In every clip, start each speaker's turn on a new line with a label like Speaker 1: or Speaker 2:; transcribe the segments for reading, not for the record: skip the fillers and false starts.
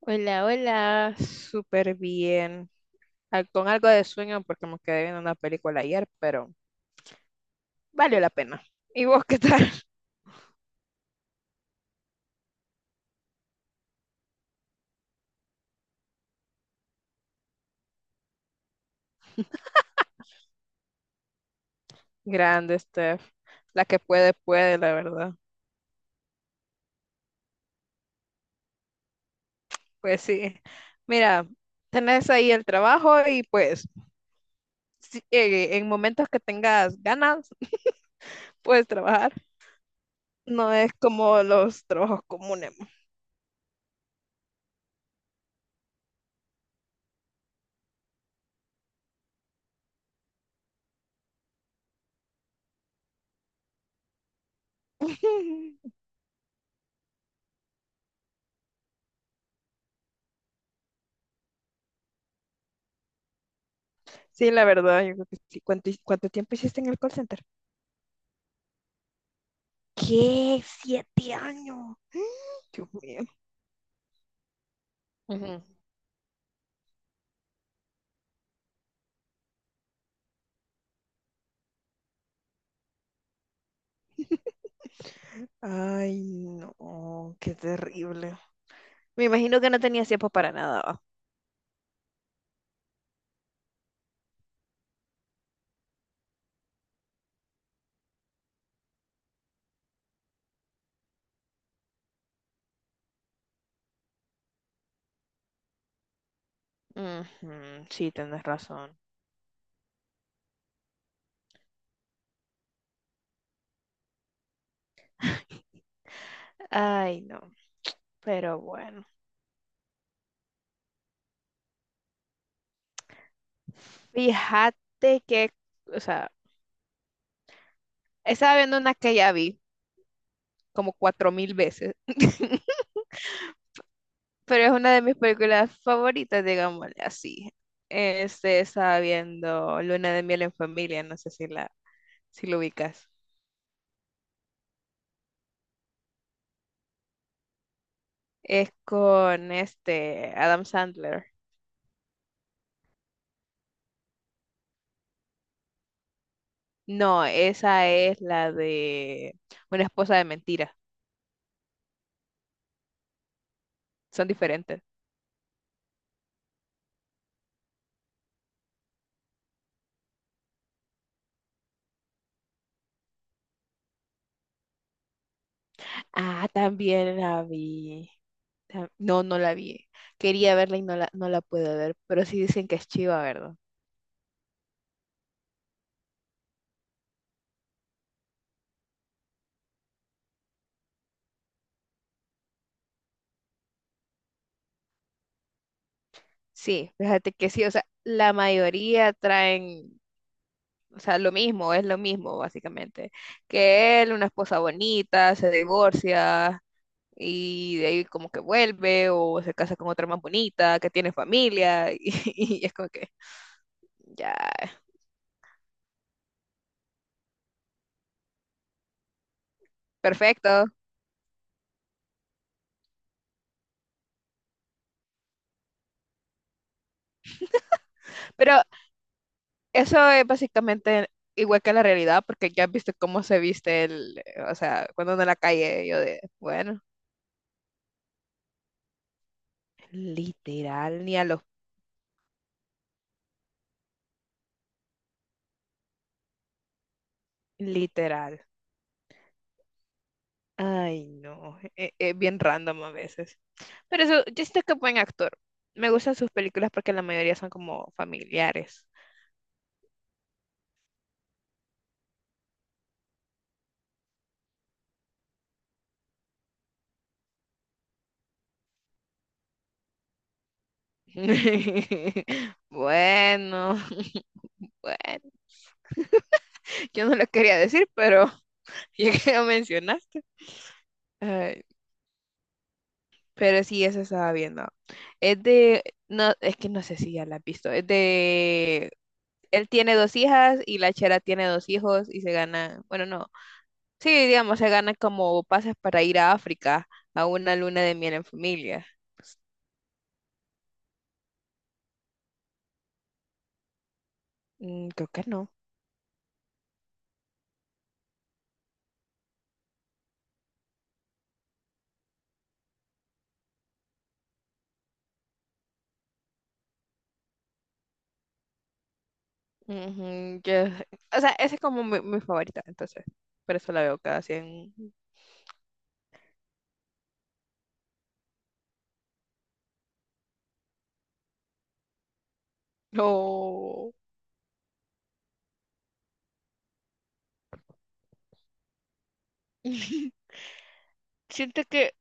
Speaker 1: Hola, hola, súper bien. Con algo de sueño porque me quedé viendo una película ayer, pero valió la pena. ¿Y vos qué tal? Grande, Steph. La que puede, puede, la verdad. Pues sí. Mira, tenés ahí el trabajo y pues sí, en momentos que tengas ganas, puedes trabajar. No es como los trabajos comunes. Sí, la verdad, yo creo que sí. ¿Cuánto tiempo hiciste en el call center? ¿Qué? ¿7 años? Dios mío. Ujú. Ay, no, qué terrible. Me imagino que no tenía tiempo para nada, ¿va? Ujú, sí, tienes razón. Ay, no, pero bueno. Fíjate que, o sea, estaba viendo una que ya vi como 4000 veces, pero es una de mis películas favoritas, digámosle así. Este, estaba viendo Luna de miel en familia, no sé si si lo ubicas. Es con este Adam Sandler. No, esa es la de Una esposa de mentira. Son diferentes. Ah, también la vi. No, no la vi. Quería verla y no la pude ver, pero sí dicen que es chiva, ¿verdad? Sí, fíjate que sí, o sea, la mayoría traen, o sea, lo mismo, es lo mismo, básicamente. Que él, una esposa bonita, se divorcia, y de ahí como que vuelve o se casa con otra más bonita, que tiene familia, y, es como que ya, perfecto. Pero eso es básicamente igual que la realidad porque ya viste cómo se viste el, o sea, cuando anda en la calle yo de, bueno, literal, ni a los, literal. Ay, no, es bien random a veces. Pero eso, yo siento que es buen actor. Me gustan sus películas porque la mayoría son como familiares. Bueno. Bueno, yo no lo quería decir, pero ya que lo mencionaste. Ay, pero sí, eso estaba viendo. Es de, no, es que no sé si ya la has visto. Es de, él tiene dos hijas y la chera tiene dos hijos y se gana, bueno, no. Sí, digamos, se gana como pases para ir a África a una luna de miel en familia. Pues, mm, creo que no. Ujú, o sea, ese es como mi favorita, entonces. Por eso la veo cada 100. No. Siento que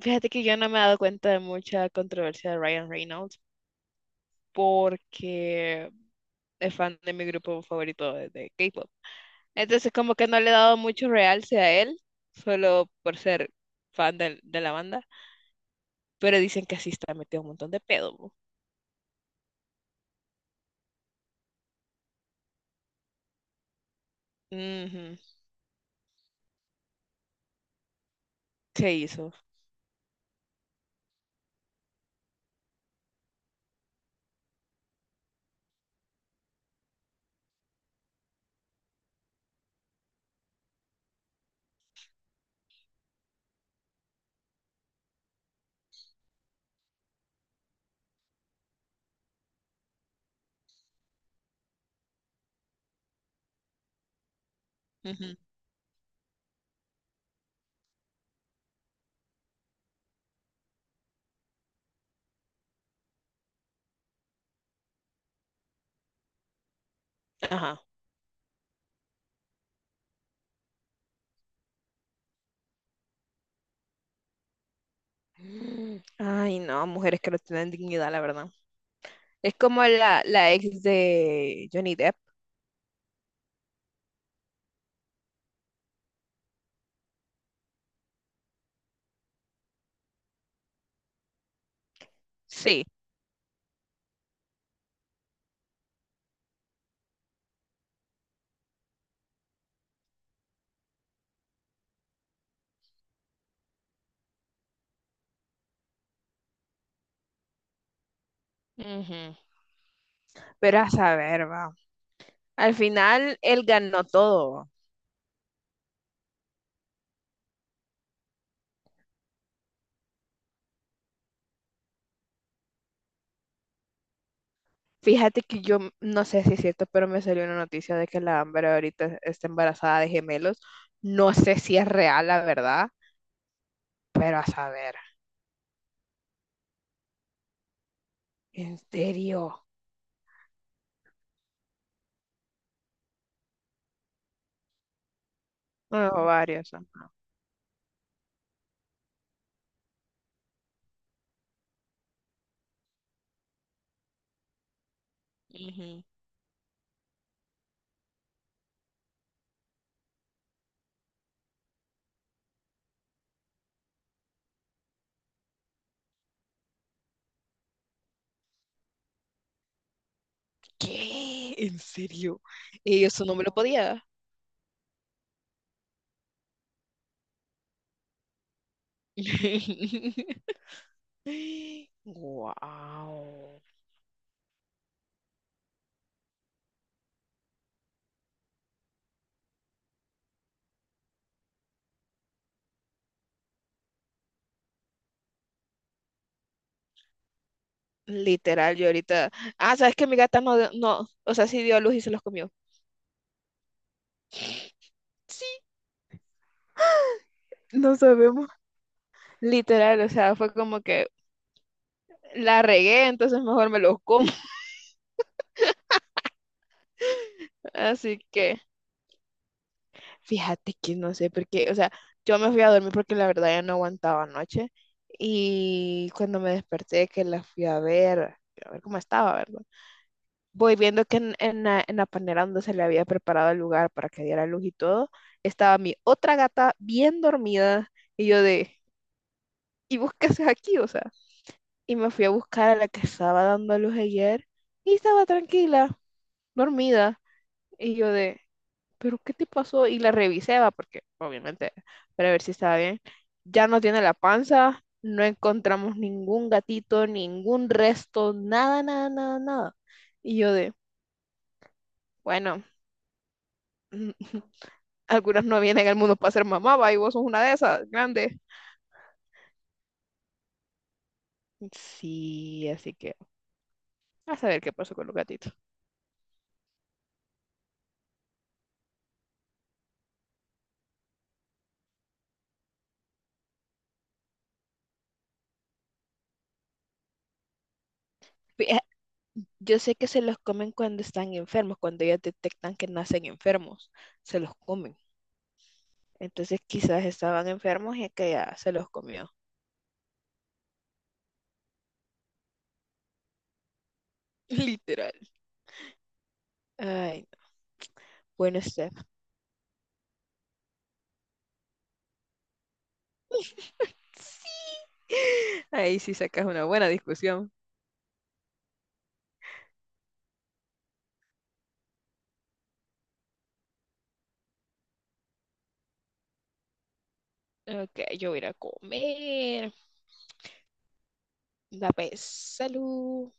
Speaker 1: fíjate que yo no me he dado cuenta de mucha controversia de Ryan Reynolds porque es fan de mi grupo favorito de K-pop. Entonces como que no le he dado mucho realce a él, solo por ser fan de la banda. Pero dicen que así está metido un montón de pedo. Bo. Ujú, se hizo. Ujú, ajá. Mm, ay, no, mujeres que no tienen dignidad, la verdad. Es como la ex de Johnny Depp. Sí. Ujú. Pero a saber, va. Al final, él ganó todo. Fíjate que yo no sé si es cierto, pero me salió una noticia de que la Amber ahorita está embarazada de gemelos. No sé si es real, la verdad, pero a saber. ¿En serio? Bueno, varios, ¿no? Ujú. ¿Qué? ¿En serio? Y eso no me lo podía dar. Wow. Literal, yo ahorita. Ah, sabes que mi gata no, no, o sea, sí dio a luz y se los comió. Sí, no sabemos. Literal, o sea, fue como que la regué, entonces mejor me los como. Así que fíjate que no sé por qué, o sea, yo me fui a dormir porque la verdad ya no aguantaba anoche y cuando me desperté que la fui a ver cómo estaba, ¿verdad? Voy viendo que en la panera donde se le había preparado el lugar para que diera luz y todo, estaba mi otra gata bien dormida y yo de, ¿y vos qué haces aquí? O sea, y me fui a buscar a la que estaba dando luz ayer y estaba tranquila, dormida. Y yo de, ¿pero qué te pasó? Y la revisé, va, porque obviamente, para ver si estaba bien. Ya no tiene la panza, no encontramos ningún gatito, ningún resto, nada, nada, nada, nada. Y yo de, bueno, algunas no vienen al mundo para ser mamá, va, y vos sos una de esas, grande. Sí, así que a saber qué pasó con los gatitos. Fija- Yo sé que se los comen cuando están enfermos, cuando ya detectan que nacen enfermos, se los comen. Entonces quizás estaban enfermos y aquella se los comió. Literal. Ay, no. Bueno, Steph. Sí. Ahí sí sacas una buena discusión. Ok, yo voy a ir a comer. La vez. Salud.